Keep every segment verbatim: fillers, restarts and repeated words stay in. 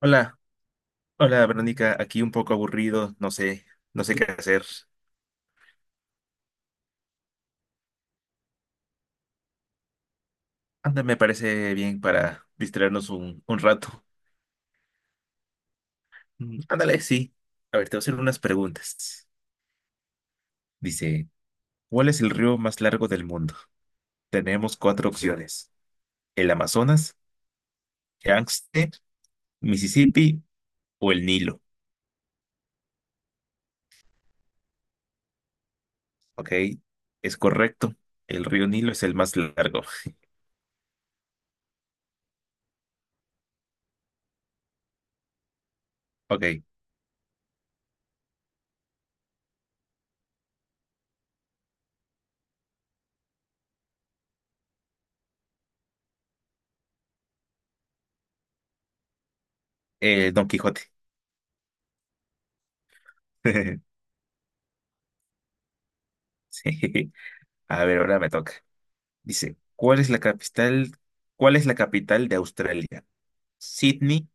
Hola, hola Verónica, aquí un poco aburrido, no sé, no sé qué hacer. Anda, me parece bien para distraernos un, un rato. Mm, Ándale, sí. A ver, te voy a hacer unas preguntas. Dice, ¿cuál es el río más largo del mundo? Tenemos cuatro opciones. El Amazonas, Yangtze, Mississippi o el Nilo. Ok, es correcto. El río Nilo es el más largo. Ok, eh, Don Quijote. Sí. A ver, ahora me toca. Dice, ¿cuál es la capital, cuál es la capital de Australia? ¿Sydney,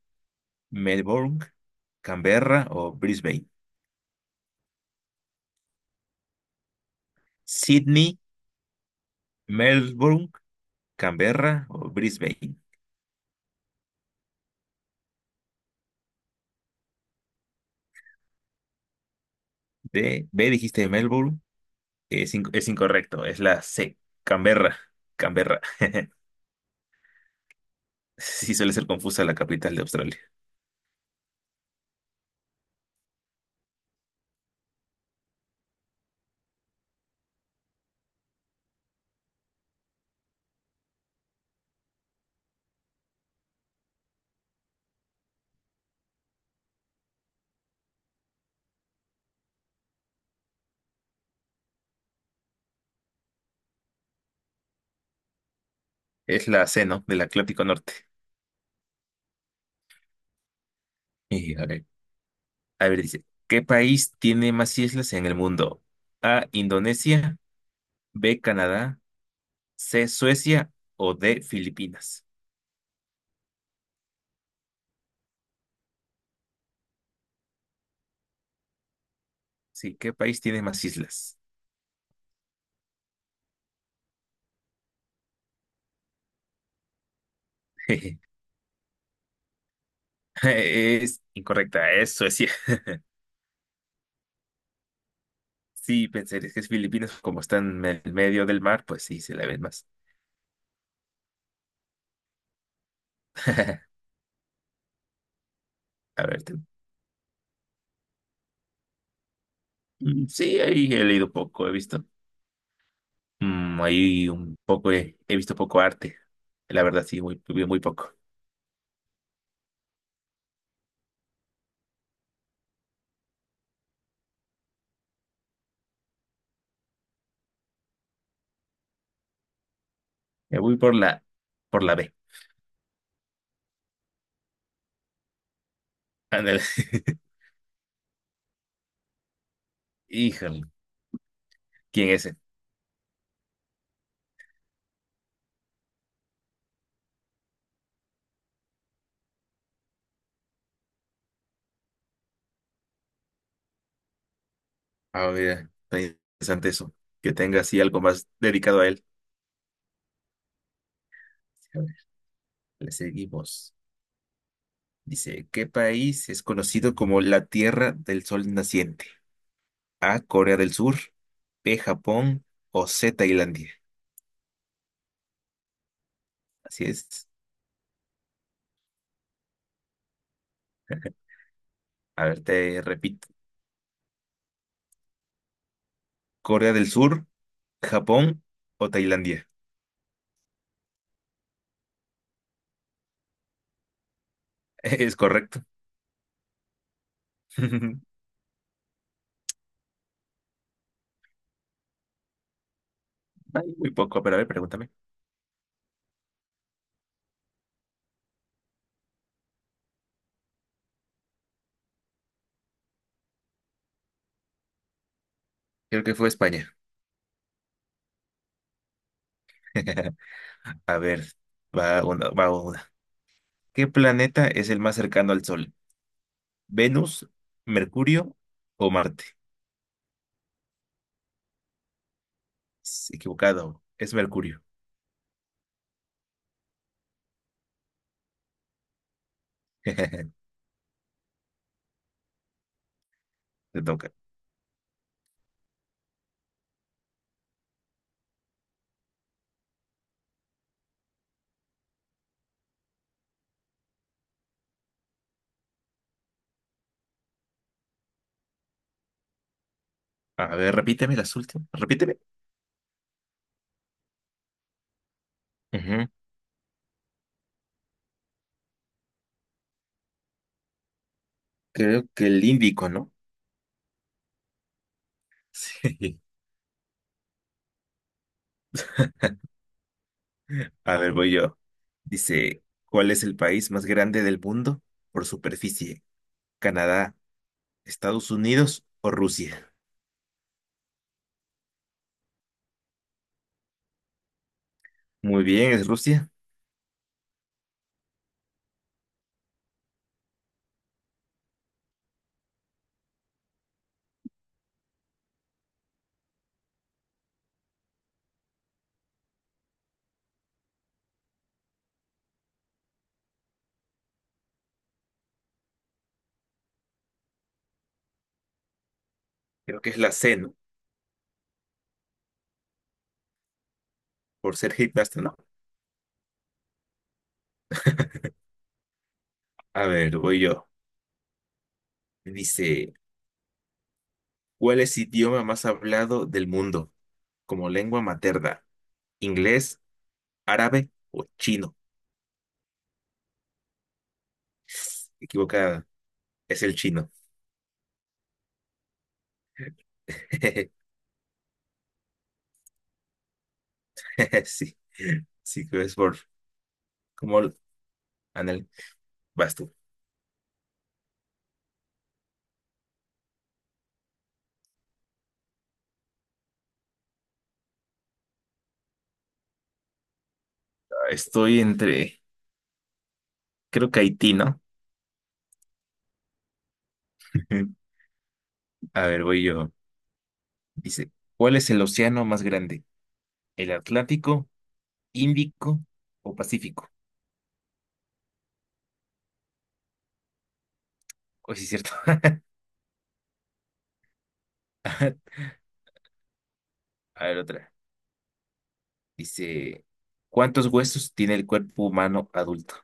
Melbourne, Canberra o Brisbane? Sydney, Melbourne, Canberra o Brisbane. D, B dijiste Melbourne, es, inc- es incorrecto, es la C, Canberra, Canberra. Sí suele ser confusa la capital de Australia. Es la C, ¿no? Del Atlántico Norte. Y, a ver, a ver, dice, ¿qué país tiene más islas en el mundo? A, Indonesia, B, Canadá. C, Suecia o D, Filipinas. Sí, ¿qué país tiene más islas? Es incorrecta, es Suecia. Sí, pensé, es que es Filipinas, como están en el medio del mar, pues sí, se la ven más. A ver, tú. Mm, sí, ahí he leído poco, he visto. Mm, ahí un poco, he, he visto poco arte. La verdad, sí, muy, muy, muy poco. Me voy por la, por la B. Ándale. Híjole, ¿quién es ese? A ver, está interesante eso. Que tenga así algo más dedicado a él. Le seguimos. Dice, ¿qué país es conocido como la Tierra del Sol Naciente? A, Corea del Sur, B, Japón o C, Tailandia. Así es. A ver, te repito. Corea del Sur, Japón o Tailandia. Es correcto. Ay, muy poco, pero a ver, pregúntame. Creo que fue España. A ver, va una, va una. ¿Qué planeta es el más cercano al Sol? ¿Venus, Mercurio o Marte? Es equivocado, es Mercurio. Te toca. A ver, repíteme las últimas. Repíteme. Ujú. Creo que el Índico, ¿no? Sí. A ver, voy yo. Dice, ¿cuál es el país más grande del mundo por superficie? ¿Canadá, Estados Unidos o Rusia? Muy bien, es Rusia. Creo que es la C, ¿no? Por ser gimnasta, ¿no? A ver, voy yo. Dice, ¿cuál es el idioma más hablado del mundo como lengua materna? ¿Inglés, árabe o chino? Equivocada, es el chino. Sí, sí, que es por como Anel, vas tú. Estoy entre, creo que Haití, ¿no? Ujú. A ver, voy yo. Dice, ¿cuál es el océano más grande? ¿El Atlántico, Índico o Pacífico? Hoy sí es cierto. Ajá. A ver, otra. Dice, ¿cuántos huesos tiene el cuerpo humano adulto?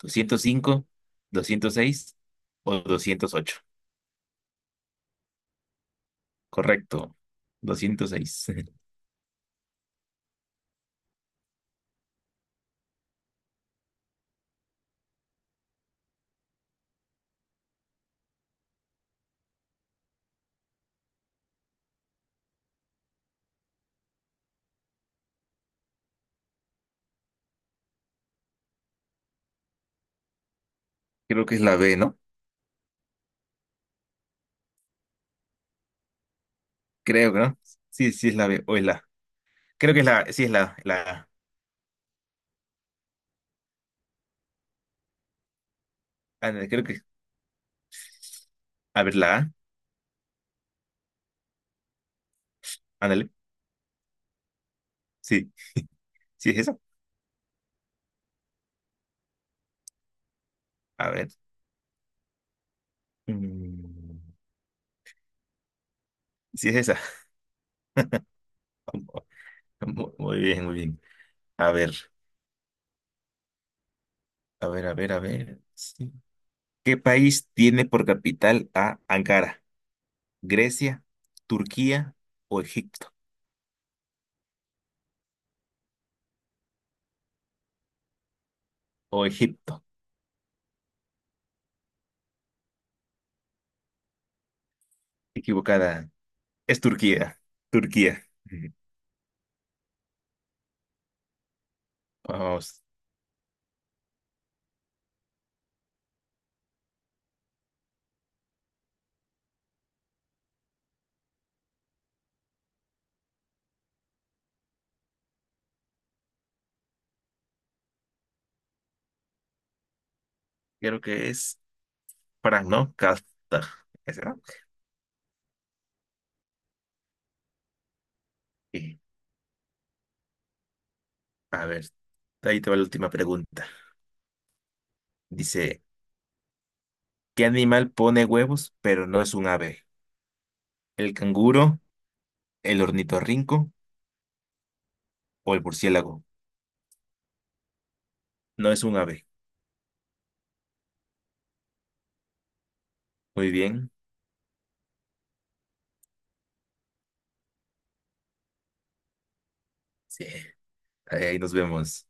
doscientos cinco, doscientos seis o doscientos ocho. Correcto, doscientos seis. Creo que es la B, ¿no? Creo, ¿no? Sí, sí es la B o es la, creo que es la, sí es la, la, ándale, creo que, a ver, la A, ándale, sí, sí es esa, a ver, mm, sí es esa. Mu- muy bien, muy bien, a ver, a ver, a ver, a ver, sí. ¿Qué país tiene por capital a Ankara? ¿Grecia, Turquía o Egipto? O Egipto, equivocada, es Turquía, Turquía, ujú. Vamos, creo que es Frank, ¿no? Kafta, ¿esa? Sí. A ver, ahí te va la última pregunta. Dice, ¿qué animal pone huevos pero no es un ave? ¿El canguro, el ornitorrinco o el murciélago? No es un ave. Muy bien. Sí. Ahí nos vemos.